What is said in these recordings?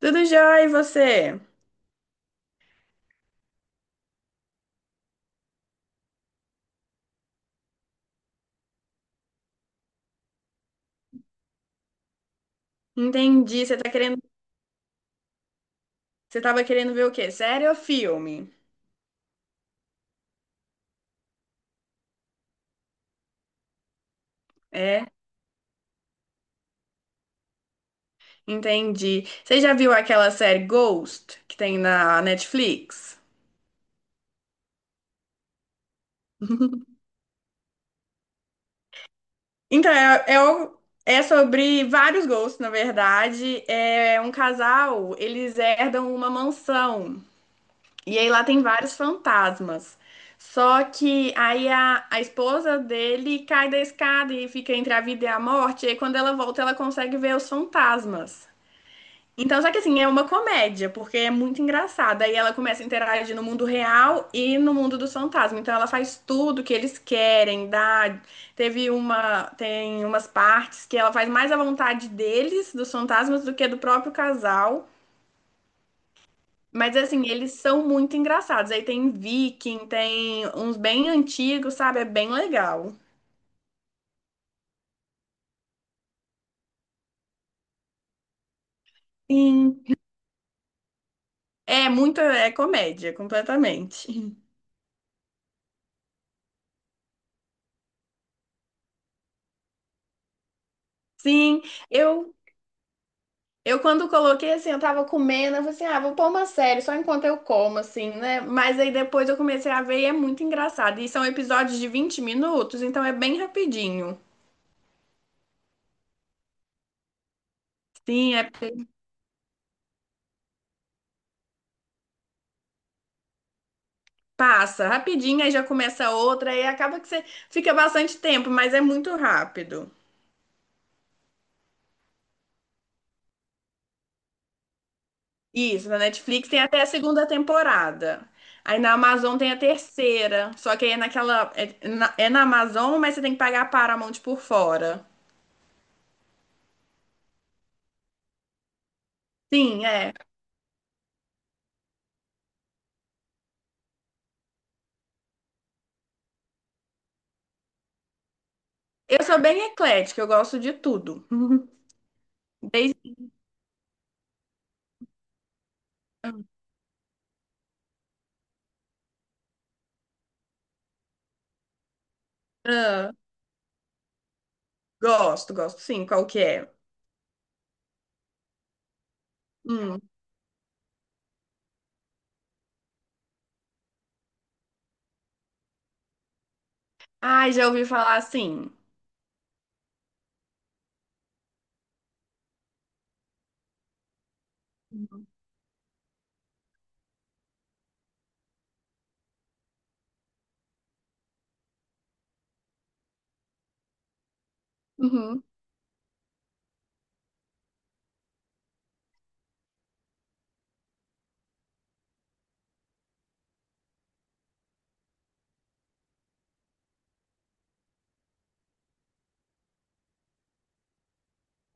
Tudo jóia, e você? Entendi. Você tá querendo, você tava querendo ver o quê? Série ou filme? É, entendi. Você já viu aquela série Ghost que tem na Netflix? Então, o- é sobre vários gostos, na verdade. É um casal, eles herdam uma mansão. E aí lá tem vários fantasmas. Só que aí a esposa dele cai da escada e fica entre a vida e a morte. E aí quando ela volta, ela consegue ver os fantasmas. Então, só que assim, é uma comédia, porque é muito engraçada. Aí ela começa a interagir no mundo real e no mundo dos fantasmas. Então ela faz tudo que eles querem, dá. Teve uma, tem umas partes que ela faz mais à vontade deles, dos fantasmas, do que do próprio casal. Mas assim, eles são muito engraçados. Aí tem Viking, tem uns bem antigos, sabe? É bem legal. Sim. É muito, é comédia, completamente. Sim, eu eu quando coloquei assim, eu tava comendo, eu falei assim, ah, vou pôr uma série só enquanto eu como, assim, né? Mas aí depois eu comecei a ver e é muito engraçado. E são episódios de 20 minutos, então é bem rapidinho. Sim, é, passa rapidinho, aí já começa outra, aí acaba que você fica bastante tempo, mas é muito rápido. Isso, na Netflix tem até a segunda temporada. Aí na Amazon tem a terceira. Só que aí é naquela. É na Amazon, mas você tem que pagar a Paramount por fora. Sim, é. Eu sou bem eclética, eu gosto de tudo. Desde. Ah, gosto, gosto sim, qual que é? Hum. Ai, já ouvi falar assim. Uhum. Uhum.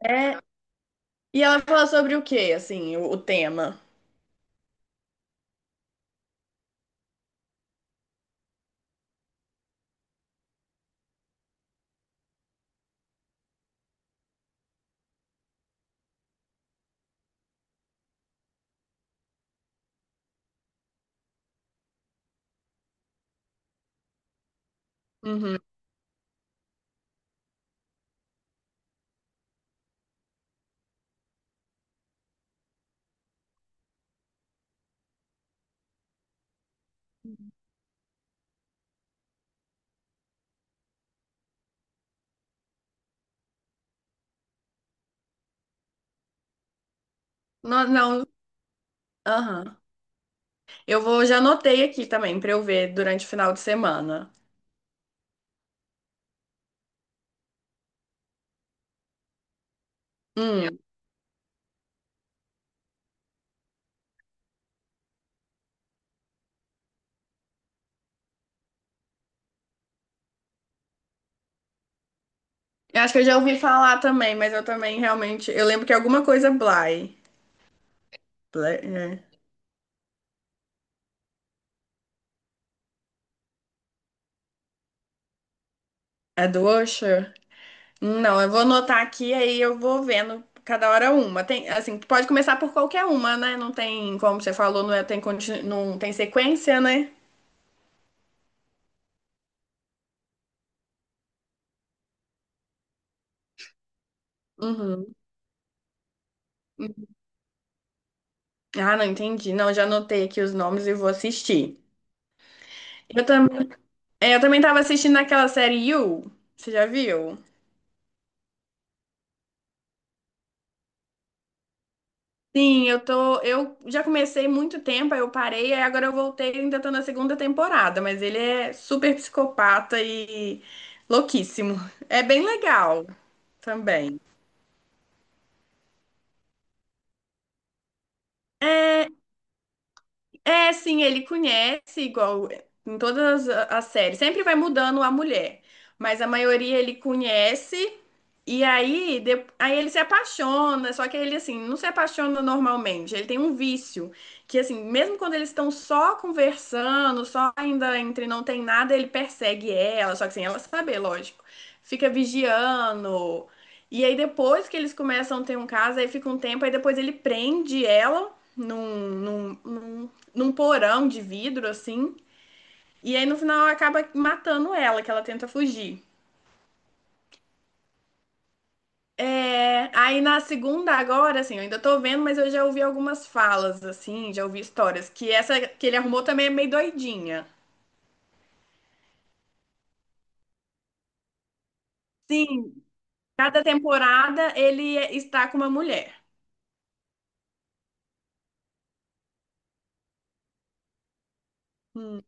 É. E ela fala sobre o quê, assim, o tema? Uhum. Não, não. Aham. Eu vou, já anotei aqui também pra eu ver durante o final de semana. Hum, eu acho que eu já ouvi falar também, mas eu também realmente. Eu lembro que é alguma coisa Bly. Bly- É, é do Usher? Não, eu vou anotar aqui, aí eu vou vendo cada hora uma. Tem, assim, pode começar por qualquer uma, né? Não tem, como você falou, não é- tem, conti- não tem sequência, né? Uhum. Ah, não entendi. Não, já anotei aqui os nomes e vou assistir. Eu também, eu também tava assistindo aquela série You. Você já viu? Sim, eu tô. Eu já comecei muito tempo, aí eu parei, aí agora eu voltei, e ainda tô na segunda temporada, mas ele é super psicopata e louquíssimo. É bem legal também. É, sim, ele conhece igual em todas a- as séries. Sempre vai mudando a mulher, mas a maioria ele conhece. E aí, de- aí ele se apaixona, só que ele assim, não se apaixona normalmente. Ele tem um vício que assim, mesmo quando eles estão só conversando, só ainda entre não tem nada, ele persegue ela, só que sem ela saber, lógico. Fica vigiando. E aí depois que eles começam a ter um caso, aí fica um tempo, aí depois ele prende ela num, num, num num porão de vidro, assim. E aí no final acaba matando ela, que ela tenta fugir. É, aí na segunda agora, assim, eu ainda tô vendo, mas eu já ouvi algumas falas, assim, já ouvi histórias, que essa que ele arrumou também é meio doidinha. Sim, cada temporada ele está com uma mulher. Hum.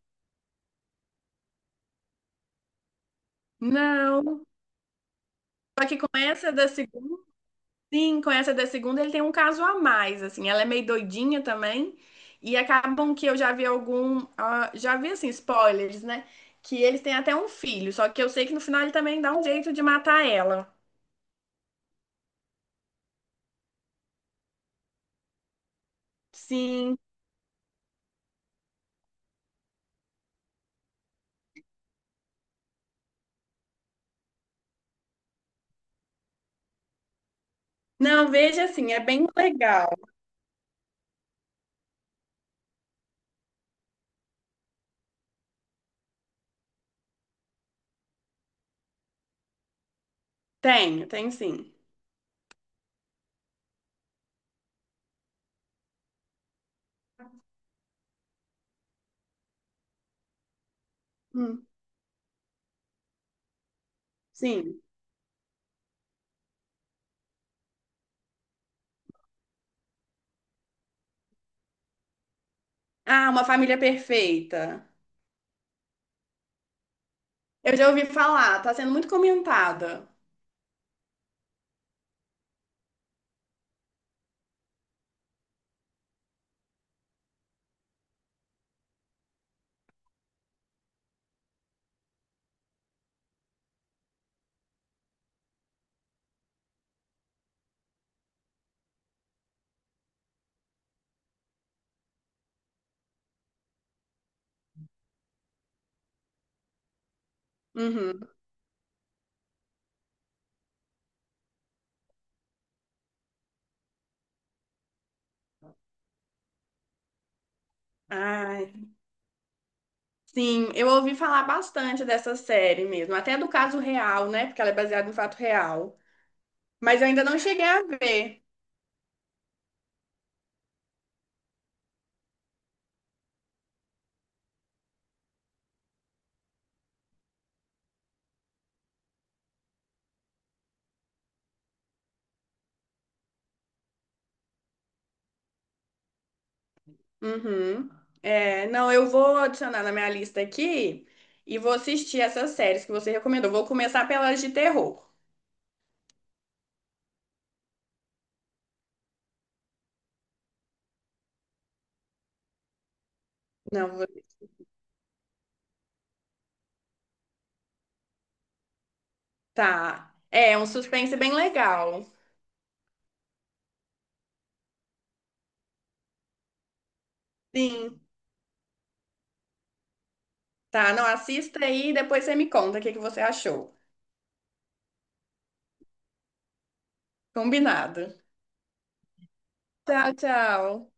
Não, só que com essa da Sim, com essa da segunda ele tem um caso a mais, assim, ela é meio doidinha também, e acabam que eu já vi algum, ah, já vi, assim, spoilers, né, que eles têm até um filho, só que eu sei que no final ele também dá um jeito de matar ela. Sim. Não, veja assim, é bem legal. Tenho, tenho sim. Hum, sim. Ah, Uma Família Perfeita. Eu já ouvi falar, tá sendo muito comentada. Uhum. Ah, sim, eu ouvi falar bastante dessa série mesmo, até do caso real, né? Porque ela é baseada em fato real. Mas eu ainda não cheguei a ver. Uhum. É, não, eu vou adicionar na minha lista aqui e vou assistir essas séries que você recomendou. Vou começar pelas de terror. Não, vou... tá. É um suspense bem legal. Sim, tá. Não, assista aí e depois você me conta o que que você achou. Combinado. Tchau, tchau.